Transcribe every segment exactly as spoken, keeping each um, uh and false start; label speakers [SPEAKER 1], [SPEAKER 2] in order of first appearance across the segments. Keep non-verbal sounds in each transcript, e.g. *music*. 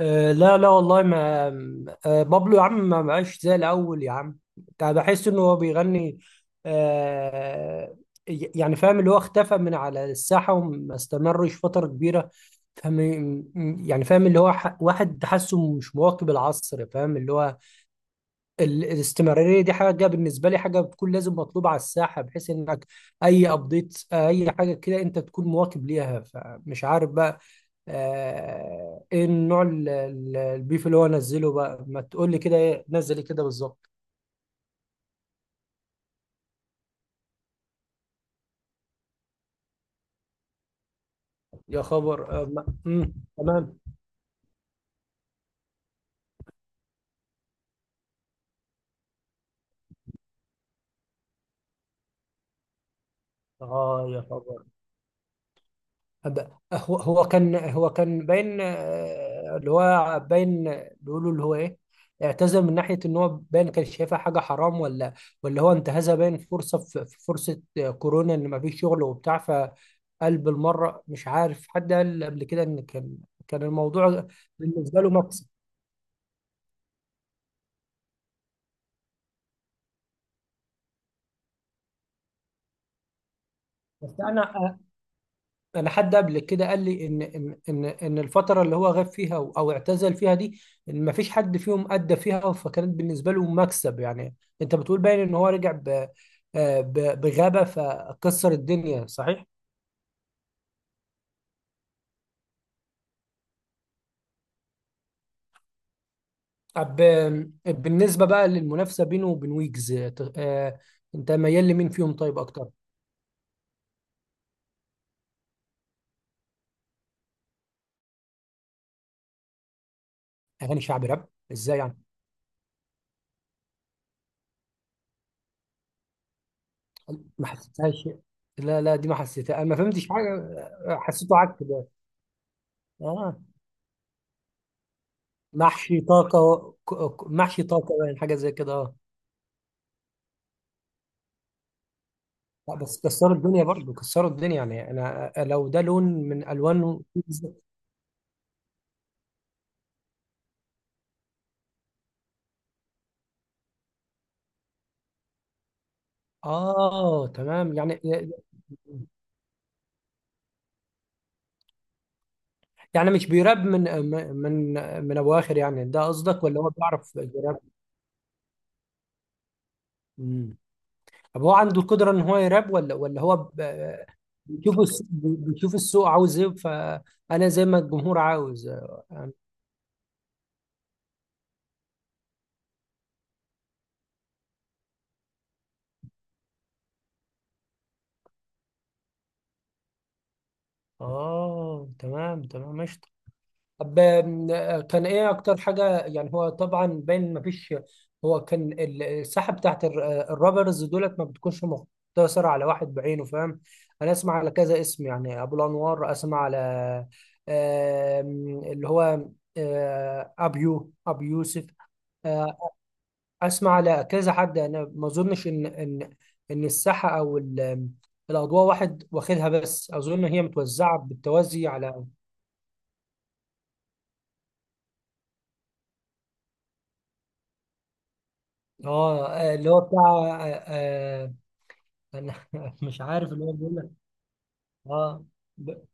[SPEAKER 1] أه لا لا والله ما أه بابلو يا عم، ما بقاش زي الأول يا عم. أنا بحس إنه هو بيغني. أه ي- يعني فاهم، اللي هو اختفى من على الساحة وما استمرش فترة كبيرة، فاهم؟ يعني فاهم اللي هو، ح- واحد حاسه مش مواكب العصر، فاهم اللي هو ال- الاستمرارية دي. حاجة بالنسبة لي حاجة بتكون لازم مطلوبة على الساحة، بحيث إنك أي أبديت أي حاجة كده أنت تكون مواكب ليها، فمش عارف بقى. آه، ايه النوع ال- ال- البيف اللي هو نزله بقى؟ ما تقول لي كده، ايه نزل إيه كده بالظبط؟ يا خبر. آه، ما- مم، تمام. اه يا خبر. أب- هو هو كان هو كان باين آه، اللي هو باين بيقولوا اللي هو ايه، اعتذر من ناحية ان هو باين كان شايفها حاجة حرام، ولا ولا هو انتهزها باين فرصة، في في فرصة آه، كورونا ان ما فيش شغل وبتاع، فقال بالمرة. مش عارف حد قال قبل كده ان كان كان الموضوع بالنسبة له مكسب. بس انا انا حد قبل كده قال لي ان ان ان ان الفتره اللي هو غاب فيها او أو اعتزل فيها دي، إن ما فيش حد فيهم ادى فيها، فكانت بالنسبه له مكسب يعني. انت بتقول باين ان هو رجع ب آه، ب- بغابه فكسر الدنيا، صحيح؟ طب بالنسبه بقى للمنافسه بينه وبين ويجز، ت- آه، انت ميال لمين فيهم طيب اكتر؟ اغاني شعبي راب ازاي يعني؟ ما حسيتهاش، لا لا دي ما حسيتها، انا ما فهمتش حاجه. آه، حسيته عك ده. اه. محشي طاقة، ك- ك- محشي طاقة، يعني حاجة زي كده، اه. لا بس كسروا الدنيا برضه، كسروا الدنيا، يعني انا لو ده لون من الوان. اه تمام يعني. يعني مش بيراب من من من ابو اخر يعني، ده قصدك؟ ولا هو بيعرف يراب؟ امم طب هو عنده القدرة ان هو يراب، ولا ولا هو ب- بيشوف الس- بيشوف السوق عاوز ايه، فانا زي ما الجمهور عاوز، اه. آه، تمام تمام ماشي. طب آم، آه، كان ايه اكتر حاجه يعني؟ هو طبعا باين ما فيش، هو كان ال- الساحه بتاعت الر- الرابرز دولت ما بتكونش مقتصره على واحد بعينه، فاهم؟ انا اسمع على كذا اسم يعني، ابو الانوار، اسمع على آم، اللي هو آه، ابيو، ابو يوسف. آه، اسمع على كذا حد، انا ما اظنش ان ان ان الساحه او ال- الاضواء واحد واخدها، بس اظن هي متوزعه بالتوازي على اه آه، اللي هو بتاع. آه، آه، انا *laughs* مش عارف اللي هو بيقول لك. اه. ب-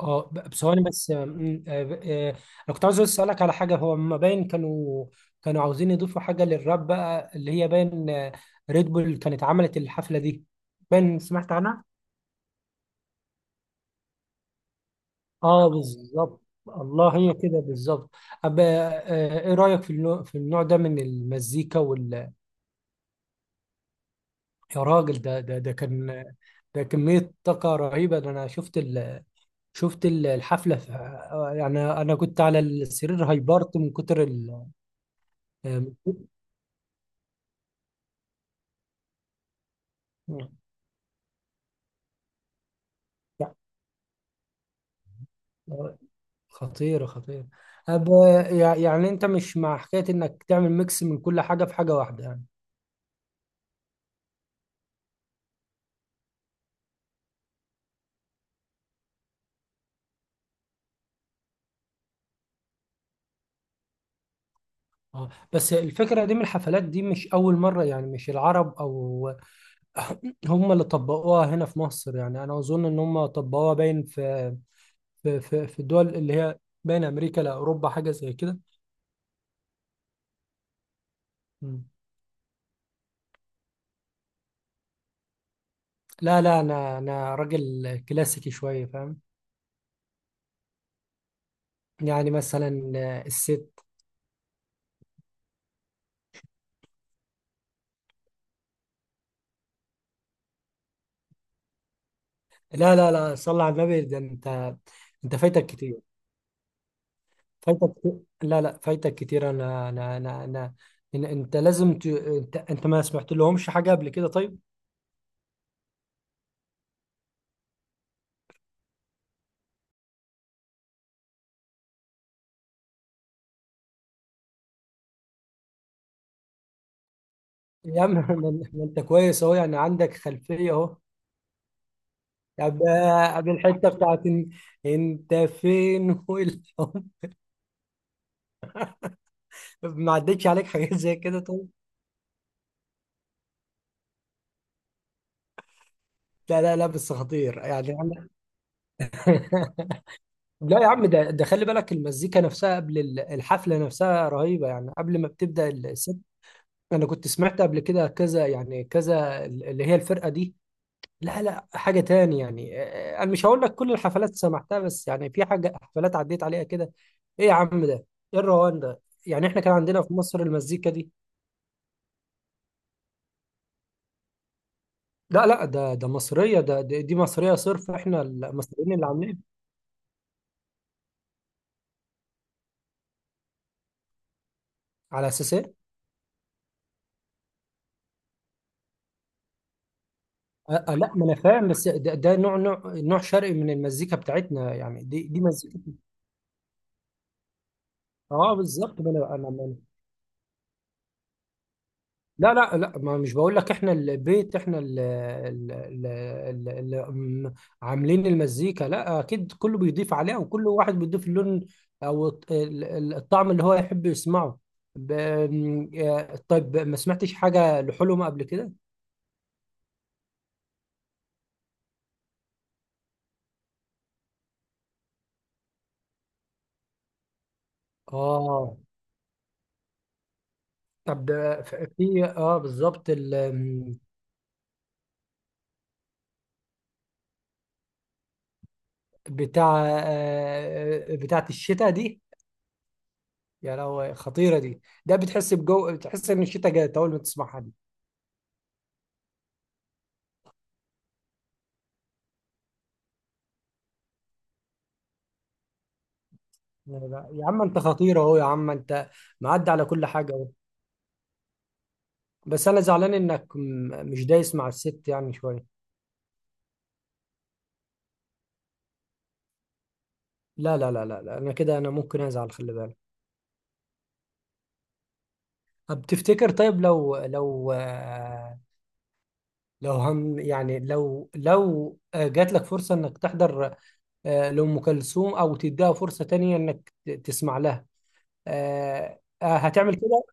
[SPEAKER 1] اه ب- بثواني بس. آم، آه، ب- آه، انا كنت عاوز اسالك على حاجه. هو ما باين كانوا كانوا عاوزين يضيفوا حاجه للراب بقى، اللي هي باين آه، ريد بول كانت عملت الحفله دي، باين. سمعت عنها؟ اه بالظبط. الله، هي كده بالظبط. أب... آه، ايه رايك في النوع في النوع ده من المزيكا وال...؟ يا راجل، ده ده ده كان، ده كميه طاقه رهيبه ده. انا شفت ال... شفت ال- الحفلة في... آه، يعني، أنا كنت على السرير هايبرت من كتر ال... آه، آه، خطيرة خطيرة. أب... يع- يعني أنت مش مع حكاية إنك تعمل ميكس من كل حاجة في حاجة واحدة يعني؟ اه، بس الفكرة دي من الحفلات دي مش أول مرة يعني، مش العرب أو *clears throat* هم اللي طبقوها هنا في مصر. يعني أنا أظن إن هم طبقوها باين في في في, في الدول اللي هي بين أمريكا لأوروبا، حاجة زي كده. مم. لا لا أنا أنا راجل كلاسيكي شوية، فاهم؟ يعني مثلا آه، الست. لا لا لا، صلى على النبي، ده انت. انت فايتك كتير. فايتك كتير. لا لا، فايتك كتير. انا انا انا انا إن- انت لازم ت... انت انت ما سمعت لهمش حاجه قبل كده، طيب؟ يا عم *laughs* ما ان- ما انت كويس اهو يعني، عندك خلفيه اهو. طب آه، قبل الحته بتاعت إن... انت فين والحب، ما عدتش عليك حاجات زي كده، طيب؟ لا لا لا، بس خطير يعني، أنا *laughs* لا يا عم، ده ده خلي بالك، المزيكا نفسها قبل ال- الحفلة نفسها رهيبة يعني، قبل ما بتبدأ الست. أنا كنت سمعت قبل كده كذا، يعني كذا، ال- اللي هي الفرقة دي. لا لا، حاجة تاني يعني. آه، أنا مش هقول لك كل الحفلات سمعتها، بس يعني في حاجة حفلات عديت عليها كده. إيه يا عم ده، إيه الروان ده يعني؟ إحنا كان عندنا في مصر المزيكا دي؟ لا لا، ده ده مصرية، ده ده- دي مصرية صرف، إحنا المصريين اللي عاملين. على أساس إيه؟ آه، آه، لا، ما انا فاهم، بس ده, ده, نوع نوع نوع شرقي من المزيكا بتاعتنا يعني، دي دي مزيكا. اه بالظبط، ما انا انا أنا-. لا لا لا، ما مش بقول لك احنا البيت احنا اللي عاملين المزيكا، لا اكيد كله بيضيف عليها، وكل واحد بيضيف اللون او الط- ال- ال- الطعم اللي هو يحب يسمعه. ب- م- آه، طيب، ما سمعتش حاجة لحلم قبل كده؟ اه. طب ف- في، اه بالظبط ال... م- بتاع آه، بتاعت الشتاء دي. يا لهوي، خطيرة دي. ده بتحس بجو، بتحس ان الشتاء جاي اول ما تسمعها دي. لا لا يا عم، انت خطير اهو. يا عم، انت معدي على كل حاجه اهو. بس انا زعلان انك م- مش دايس مع الست يعني شويه. لا لا لا لا، لا. انا كده، انا ممكن ازعل، خلي بالك. طب تفتكر، طيب، لو لو آه، لو هم يعني، لو لو آه، جات لك فرصه انك تحضر آه، لأم كلثوم، او تديها فرصه تانية انك ت- تسمع لها آه، آه، هتعمل كده؟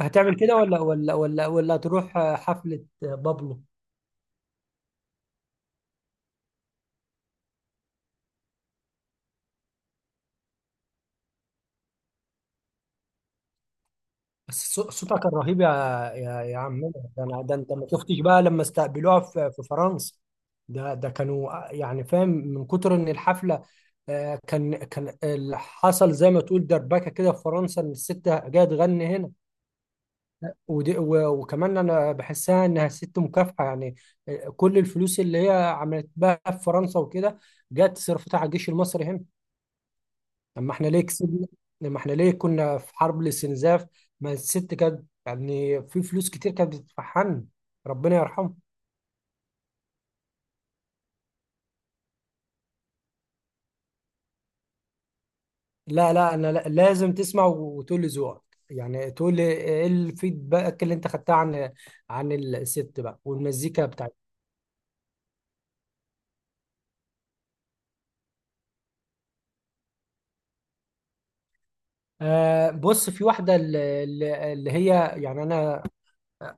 [SPEAKER 1] هتعمل كده، ولا ولا ولا ولا تروح آه، حفله آه، بابلو؟ بس صو- صوتها كان رهيب يا يا يا عمنا. ده انا ده انت ما شفتش بقى لما استقبلوها في في فرنسا. ده ده كانوا آه، يعني، فاهم من كتر ان الحفله، آه، كان كان ال- حصل زي ما تقول دربكه كده في فرنسا، ان الست جايه تغني هنا. ودي و- وكمان انا بحسها انها ست مكافحه يعني. آه، كل الفلوس اللي هي عملت بها في فرنسا وكده، جت صرفتها على الجيش المصري هنا، لما احنا ليه كسبنا، لما احنا ليه كنا في حرب الاستنزاف. ما الست كانت يعني في فلوس كتير، كانت بتتفحن، ربنا يرحمه. لا لا، انا لا- لازم تسمع وتقول لي ذوقك يعني، تقول لي ايه الفيدباك اللي انت خدتها عن عن الست بقى والمزيكا بتاعتها. آه بص، في واحدة اللي, اللي هي يعني، انا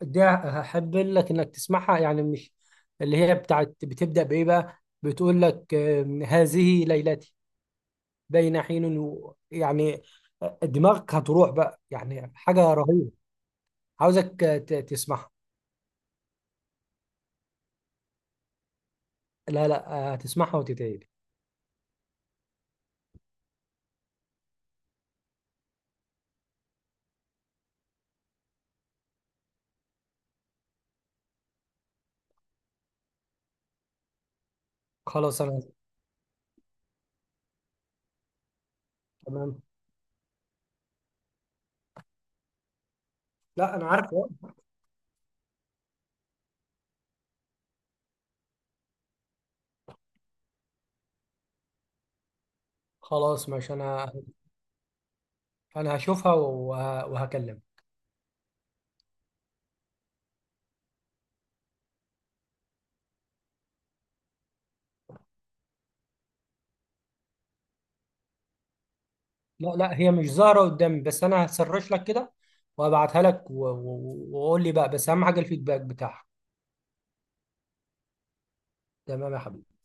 [SPEAKER 1] دي هحب لك انك تسمعها يعني، مش اللي هي بتاعت. بتبدأ بايه بقى، بتقول لك آه، هذه ليلتي بين حين و- يعني، دماغك هتروح بقى، يعني حاجة رهيبة. عاوزك ت- تسمعها. لا لا، هتسمعها وتتعيد. خلاص انا. تمام. لا انا عارف. خلاص ماشي انا. انا هشوفها وه- وهكلمك. لا لا هي مش ظاهرة قدامي، بس انا هسرش لك كده وابعتها لك، و- و- و- وقول لي بقى، بس اهم حاجة الفيدباك بتاعها. تمام يا حبيبي.